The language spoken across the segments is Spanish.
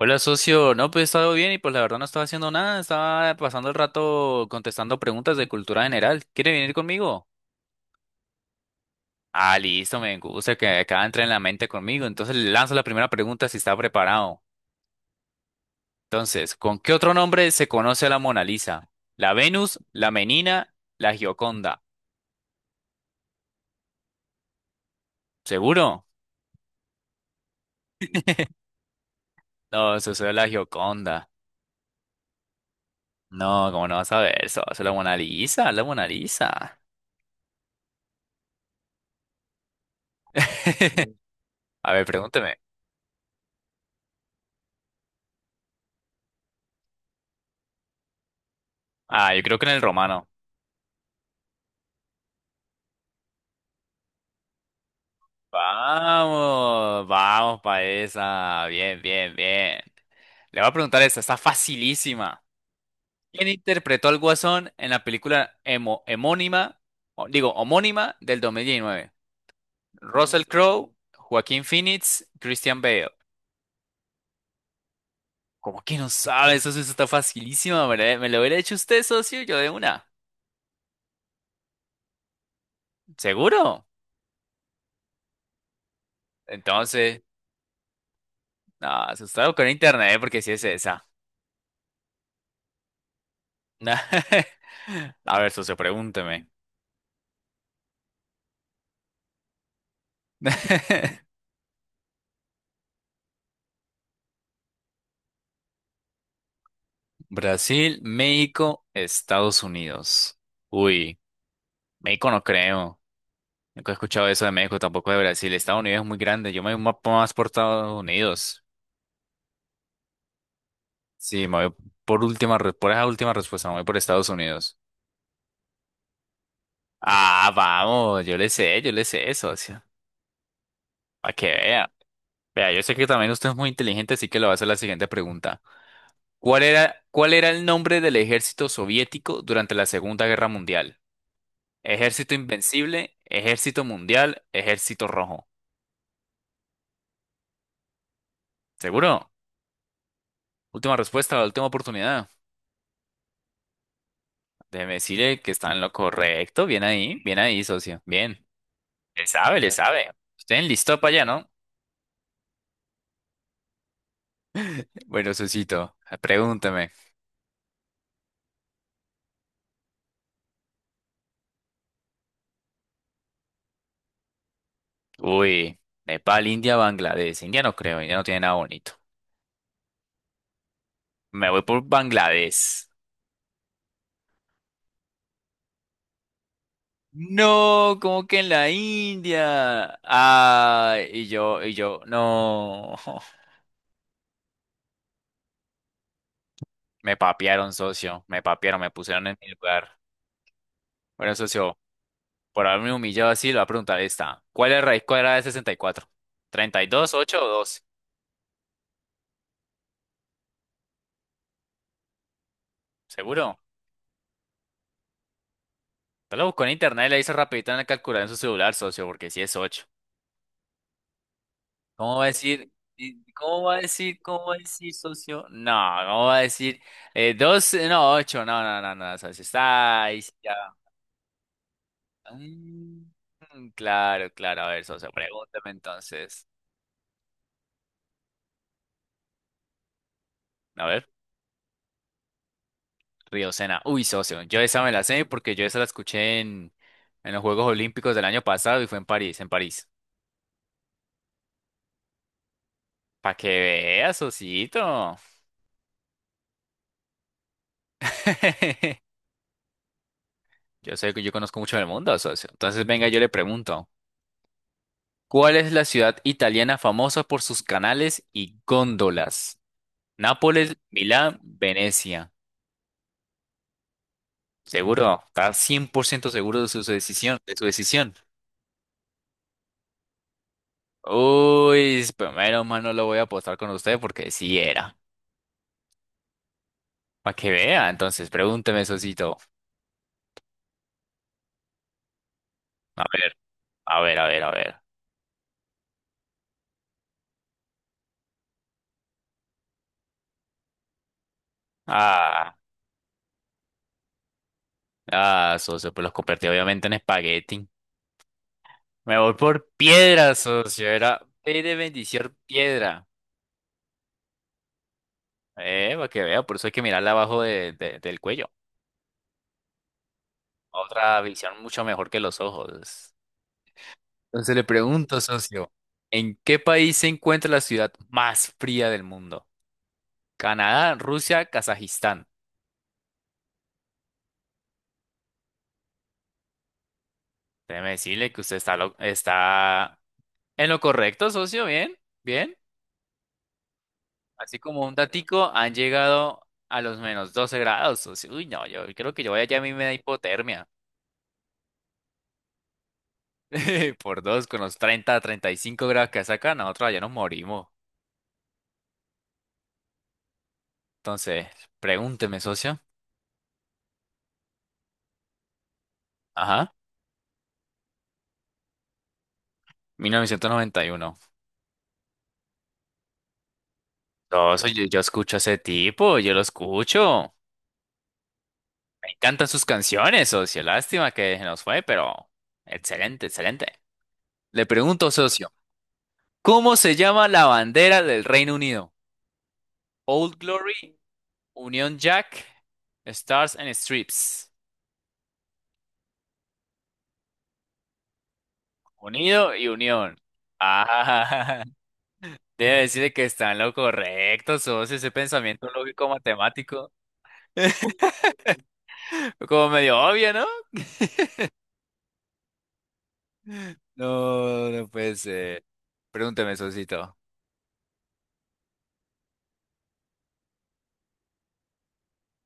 Hola, socio. No, pues he estado bien y pues la verdad no estaba haciendo nada. Estaba pasando el rato contestando preguntas de cultura general. ¿Quiere venir conmigo? Ah, listo, me gusta que acaba de entrar en la mente conmigo. Entonces le lanzo la primera pregunta si está preparado. Entonces, ¿con qué otro nombre se conoce a la Mona Lisa? ¿La Venus, la Menina, la Gioconda? ¿Seguro? No, socio, es la Gioconda. No, ¿cómo no vas a ver eso? Es la Mona Lisa, la Mona Lisa. A ver, pregúnteme. Ah, yo creo que en el romano. Vamos, vamos para esa. Bien, bien, bien. Le voy a preguntar esta, está facilísima. ¿Quién interpretó al Guasón en la película digo, homónima del 2019? Russell Crowe, Joaquín Phoenix, Christian Bale. ¿Cómo que no sabe? Eso está facilísima. ¿Me lo hubiera hecho usted, socio? Yo de una. ¿Seguro? Entonces, no, asustado con internet porque si es esa. A ver, socio, pregúnteme. Brasil, México, Estados Unidos. Uy, México no creo. Nunca he escuchado eso de México, tampoco de Brasil. Estados Unidos es muy grande. Yo me voy más por Estados Unidos. Sí, me voy por última, por esa última respuesta, me voy por Estados Unidos. Ah, vamos, yo le sé, socio. Para que vea. Vea, yo sé que también usted es muy inteligente, así que le voy a hacer la siguiente pregunta. ¿Cuál era el nombre del ejército soviético durante la Segunda Guerra Mundial? Ejército Invencible, Ejército Mundial, Ejército Rojo. ¿Seguro? Última respuesta, la última oportunidad. Déjeme decirle que está en lo correcto. Bien ahí, socio. Bien. Le sabe, le sabe. Usted enlistó para allá, ¿no? Bueno, socito, pregúntame. Uy, Nepal, India, Bangladesh. India no creo, India no tiene nada bonito. Me voy por Bangladesh. No, como que en la India. Ah, y yo, no. Me papearon, socio. Me papearon, me pusieron en mi lugar. Bueno, socio, por haberme humillado así, le voy a preguntar esta. ¿Cuál es la raíz cuadrada de 64? 32, ocho o 2? ¿Seguro? Te lo buscó en internet y le hizo rapidito en el calculador en su celular, socio, porque si es 8. ¿Cómo va a decir? ¿Cómo va a decir? ¿Cómo va a decir, socio? No, ¿cómo va a decir? 2, no, 8. No, no, no, no, socio. Está ahí, sí, ya. Mm, claro, claro. A ver, socio, pregúntame entonces. A ver. Riocena. Uy, socio. Yo esa me la sé porque yo esa la escuché en los Juegos Olímpicos del año pasado y fue en París, en París. Para que veas, socito. Yo sé que yo conozco mucho del mundo, socio. Entonces, venga, yo le pregunto. ¿Cuál es la ciudad italiana famosa por sus canales y góndolas? Nápoles, Milán, Venecia. ¿Seguro? ¿Está 100% seguro de su decisión? De su decisión. Uy, pues, primero, mano, lo voy a apostar con usted porque sí era. Para que vea, entonces, pregúnteme, Sosito. A ver, a ver, a ver, a ver. Ah, ah, socio, pues los convertí obviamente en espagueti. Me voy por piedra, socio. Era P de bendición piedra. Para que vea, por eso hay que mirarla abajo del cuello. Otra visión mucho mejor que los ojos. Entonces le pregunto, socio, ¿en qué país se encuentra la ciudad más fría del mundo? Canadá, Rusia, Kazajistán. Déjeme decirle que usted está, está en lo correcto, socio, bien, bien. Así como un datico, han llegado a los -12 grados, socio. Uy, no, yo creo que yo voy allá a mí me da hipotermia. Por dos, con los 35 grados que sacan, nosotros allá nos morimos. Entonces, pregúnteme, socio. Ajá, 1991. No, socio, yo escucho a ese tipo, yo lo escucho. Me encantan sus canciones, socio. Lástima que se nos fue, pero excelente, excelente. Le pregunto, socio, ¿cómo se llama la bandera del Reino Unido? Old Glory, Unión Jack, Stars and Strips. Unido y Unión. Ah, debe decirle que está en lo correcto, sos ese pensamiento lógico matemático. Como medio obvio, ¿no? No, no puede ser. Pregúnteme, Sosito.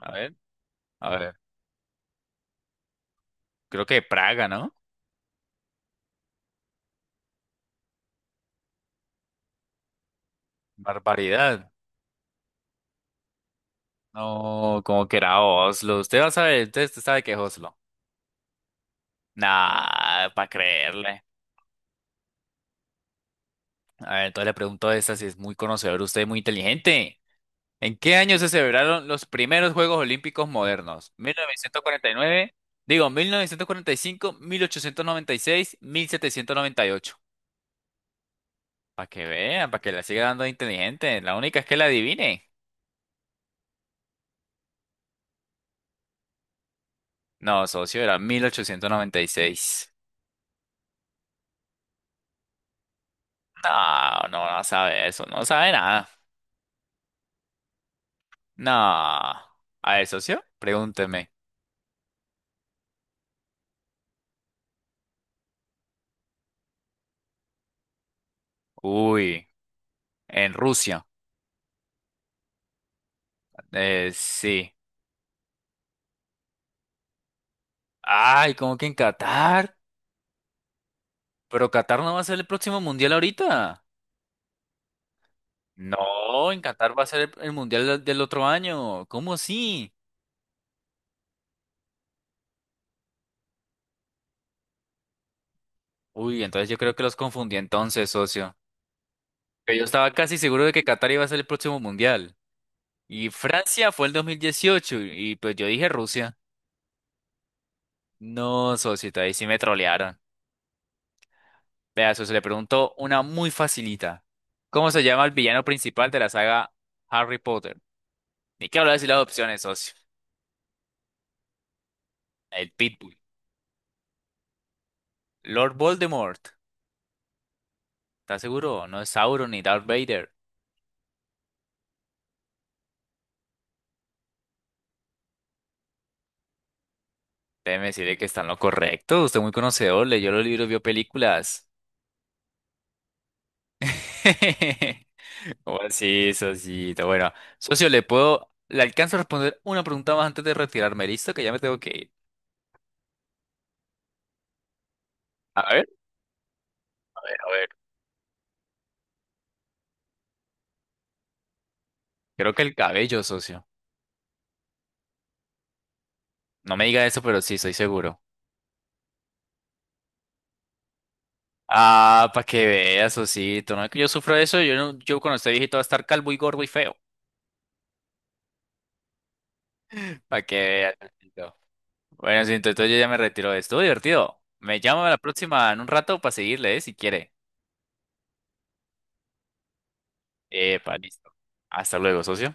A ver, a ver. Creo que Praga, ¿no? Barbaridad. No, como que era Oslo. Usted va a saber, usted sabe que es Oslo. Nah, para creerle. A ver, entonces le pregunto a esta si es muy conocedor, usted es muy inteligente. ¿En qué año se celebraron los primeros Juegos Olímpicos modernos? ¿1949? Digo, 1945, 1896, 1798. Para que vean, para que la siga dando de inteligente. La única es que la adivine. No, socio, era 1896. No, no, no sabe eso, no sabe nada. No. A ver, socio, pregúnteme. Uy, en Rusia. Sí. Ay, ¿cómo que en Qatar? Pero Qatar no va a ser el próximo mundial ahorita. No, en Qatar va a ser el mundial del otro año. ¿Cómo así? Uy, entonces yo creo que los confundí entonces, socio. Que yo estaba casi seguro de que Qatar iba a ser el próximo mundial. Y Francia fue el 2018 y pues yo dije Rusia. No, socio, ahí sí me trolearon. Vea, socio, le pregunto una muy facilita. ¿Cómo se llama el villano principal de la saga Harry Potter? Ni que hablar de las opciones, socio. El Pitbull. Lord Voldemort. ¿Está seguro? No es Sauron ni Darth Vader. Déjeme decirle que está en lo correcto. Usted es muy conocedor, leyó los libros, vio películas. ¿Cómo así, socito? Bueno, socio, le alcanzo a responder una pregunta más antes de retirarme, ¿listo? Que ya me tengo que ir. A ver, a ver, a ver. Creo que el cabello, socio. No me diga eso, pero sí, estoy seguro. Ah, para que vea, socito. No es que yo sufro de eso. Yo, yo cuando esté viejito va a estar calvo y gordo y feo. Para que vea, socito. Bueno, sí, entonces yo ya me retiro. Estuvo divertido. Me llamo a la próxima en un rato para seguirle, ¿eh? Si quiere. Epa, listo. Hasta luego, socio.